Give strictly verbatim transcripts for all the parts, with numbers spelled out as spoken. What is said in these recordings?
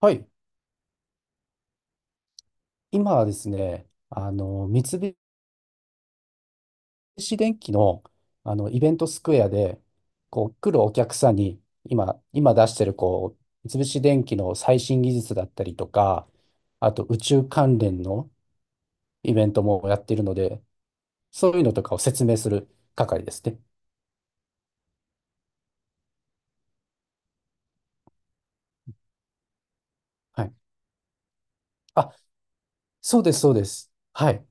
はい。今はですね、あの、三菱電機の、あの、イベントスクエアで、こう、来るお客さんに、今、今出してる、こう、三菱電機の最新技術だったりとか、あと宇宙関連のイベントもやっているので、そういうのとかを説明する係ですね。はい。あ、そうです、そうです。はい。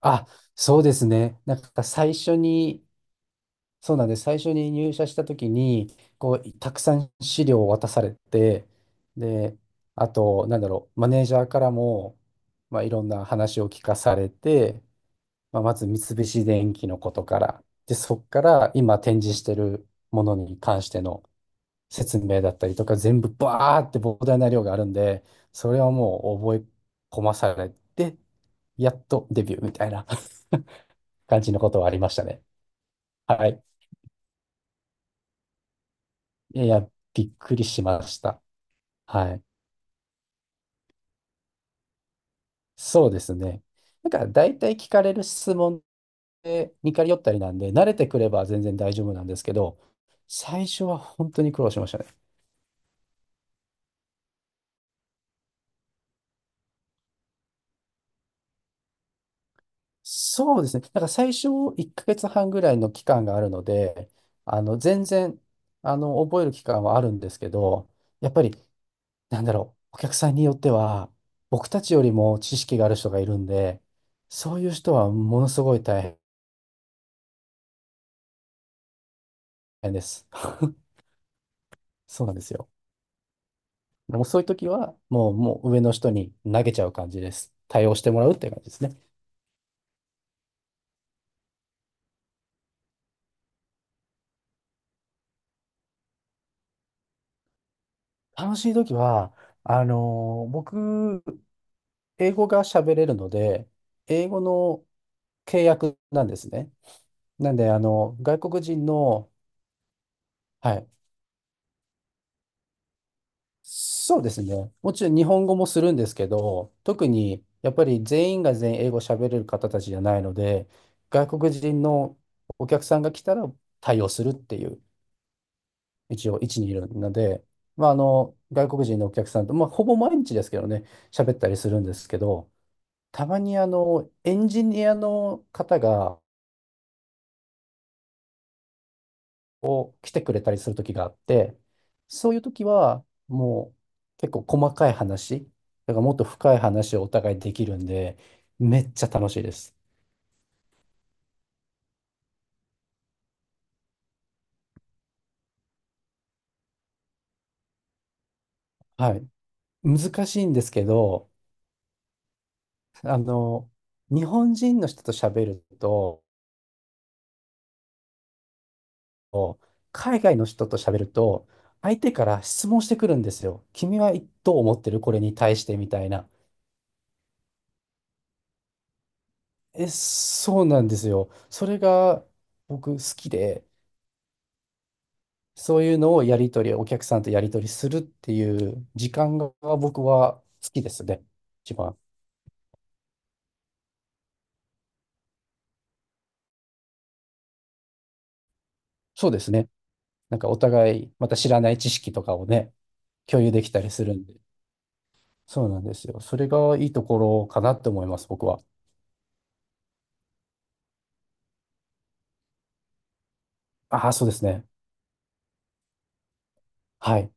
あ、そうですね。なんか最初にそうなんです。最初に入社した時に、こう、たくさん資料を渡されて、で、あと、なんだろう、マネージャーからも、まあ、いろんな話を聞かされて、まあ、まず三菱電機のことから、で、そこから今展示してるものに関しての説明だったりとか、全部バーって膨大な量があるんで、それはもう覚え込まされて、やっとデビューみたいな 感じのことはありましたね。はい。いや、びっくりしました。はい。そうですね。なんか大体聞かれる質問で似通ったりなんで、慣れてくれば全然大丈夫なんですけど、最初は本当に苦労しましたね。そうですね。なんか最初いっかげつはんぐらいの期間があるので、あの、全然、あの、覚える期間はあるんですけど、やっぱり、なんだろう、お客さんによっては、僕たちよりも知識がある人がいるんで、そういう人はものすごい大変です。そうなんですよ。もうそういう時は、もう、もう上の人に投げちゃう感じです。対応してもらうっていう感じですね。楽しい時は、あのー僕、英語が喋れるので、英語の契約なんですね。なんで、あの、外国人の、はい、そうですね。もちろん日本語もするんですけど、特にやっぱり全員が全員英語喋れる方たちじゃないので、外国人のお客さんが来たら対応するっていう一応置にいるので、まあ、あの外国人のお客さんと、まあ、ほぼ毎日ですけどね、喋ったりするんですけど、たまにあのエンジニアの方がを来てくれたりする時があって、そういう時はもう結構細かい話、だからもっと深い話をお互いできるんで、めっちゃ楽しいです。はい。難しいんですけど、あの、日本人の人と喋ると、海外の人と喋ると、相手から質問してくるんですよ。君はどう思ってるこれに対してみたいな。え、そうなんですよ。それが僕好きで、そういうのをやり取り、お客さんとやり取りするっていう時間が僕は好きですね。一番。そうですね。なんかお互いまた知らない知識とかをね、共有できたりするんで。そうなんですよ。それがいいところかなって思います、僕は。ああ、そうですね。はい。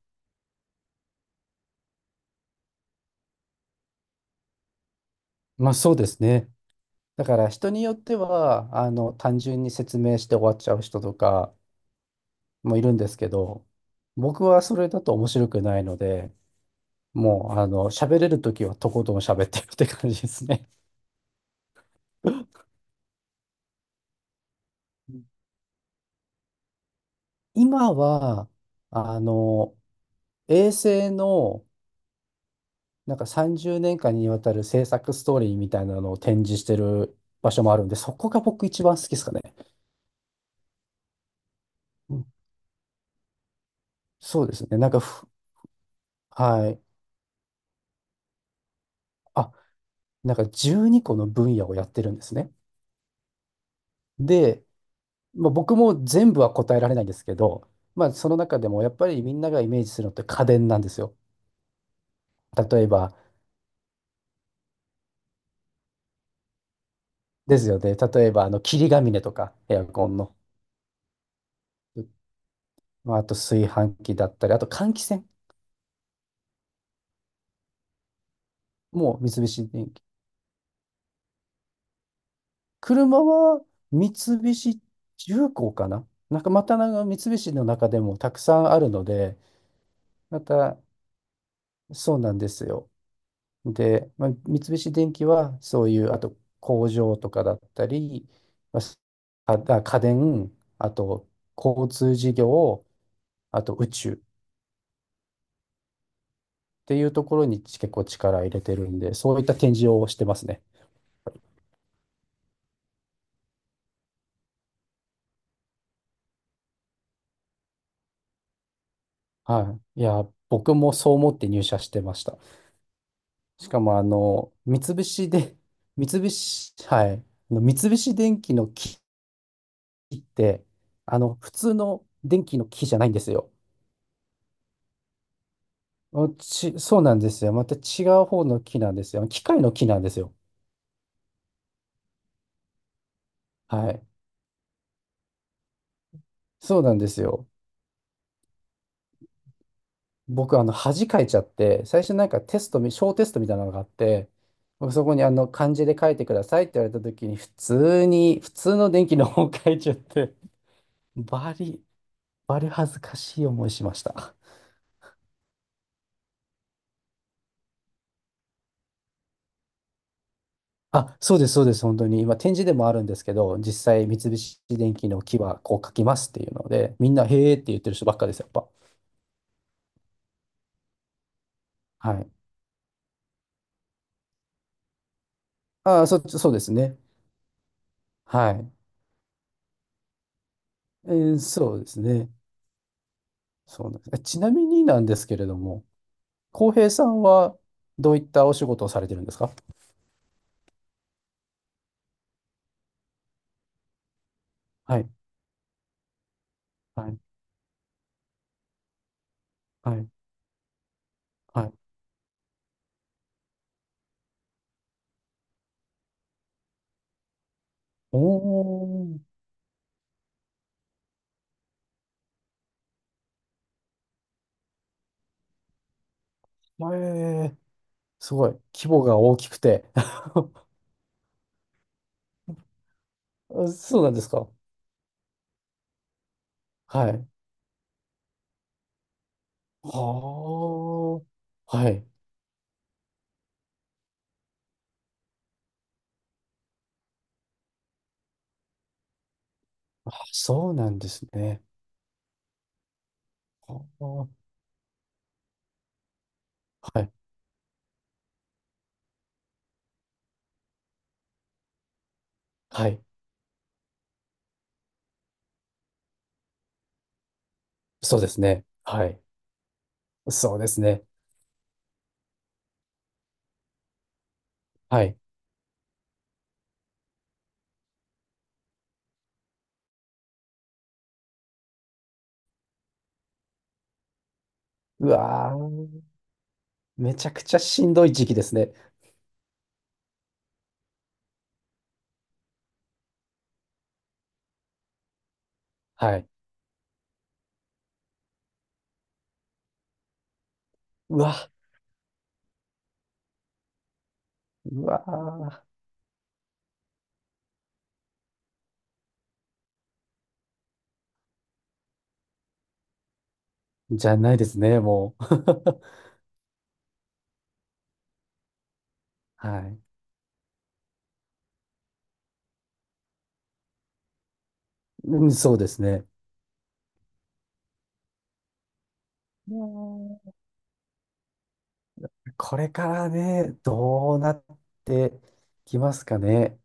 まあそうですね。だから人によっては、あの、単純に説明して終わっちゃう人とかもいるんですけど、僕はそれだと面白くないので、もう、あの、喋れるときはとことん喋ってるって感じですね。うん。今は、あの、衛星の、なんかさんじゅうねんかんにわたる制作ストーリーみたいなのを展示してる場所もあるんで、そこが僕一番好きですかね。うん。そうですね。なんかふ、はい。あ、なんかじゅうにこの分野をやってるんですね。で、まあ、僕も全部は答えられないんですけど、まあ、その中でもやっぱりみんながイメージするのって家電なんですよ。例えば、ですよね。例えば、あの、霧ヶ峰とか、エアコンの。まあ、あと炊飯器だったり、あと換気扇。もう三菱電機。車は三菱重工かな、なんかまたなんか三菱の中でもたくさんあるので、また、そうなんですよ。で、まあ、三菱電機はそういう、あと工場とかだったり、まあ、すあ、あ家電、あと交通事業、あと宇宙っていうところに結構力入れてるんで、そういった展示をしてますね。はい。いや、僕もそう思って入社してました。しかも、あの、三菱で、三菱、はい。あの三菱電機の木って、あの、普通の電気の木じゃないんですよ。おち、そうなんですよ。また違う方の木なんですよ。機械の木なんですよ。はい。そうなんですよ。僕、あの、恥かいちゃって、最初なんかテストみ、小テストみたいなのがあって、僕そこにあの、漢字で書いてくださいって言われた時に、普通に、普通の電気の方を書いちゃって、バリ、バリ恥ずかしい思いしました。あ、そうです、そうです、本当に。今、展示でもあるんですけど、実際、三菱電機の木はこう書きますっていうので、みんな、へーって言ってる人ばっかです、やっぱ。はい。ああ、そ、そうですね。はい。えーそうですね。そうなんです。えちなみになんですけれども、浩平さんはどういったお仕事をされてるんですか？はい。はい。はい。はい。おー。えー、すごい。規模が大きくて。そうなんですか？はい。はあ。はい。あ、そうなんですね。はあ。はい。はい。そうですね。はい。そうですね。はい。うわー。めちゃくちゃしんどい時期ですね。はい。うわ、うわー、じゃないですね、もう。はい。うん、そうですね。ねえ、これからね、どうなってきますかね？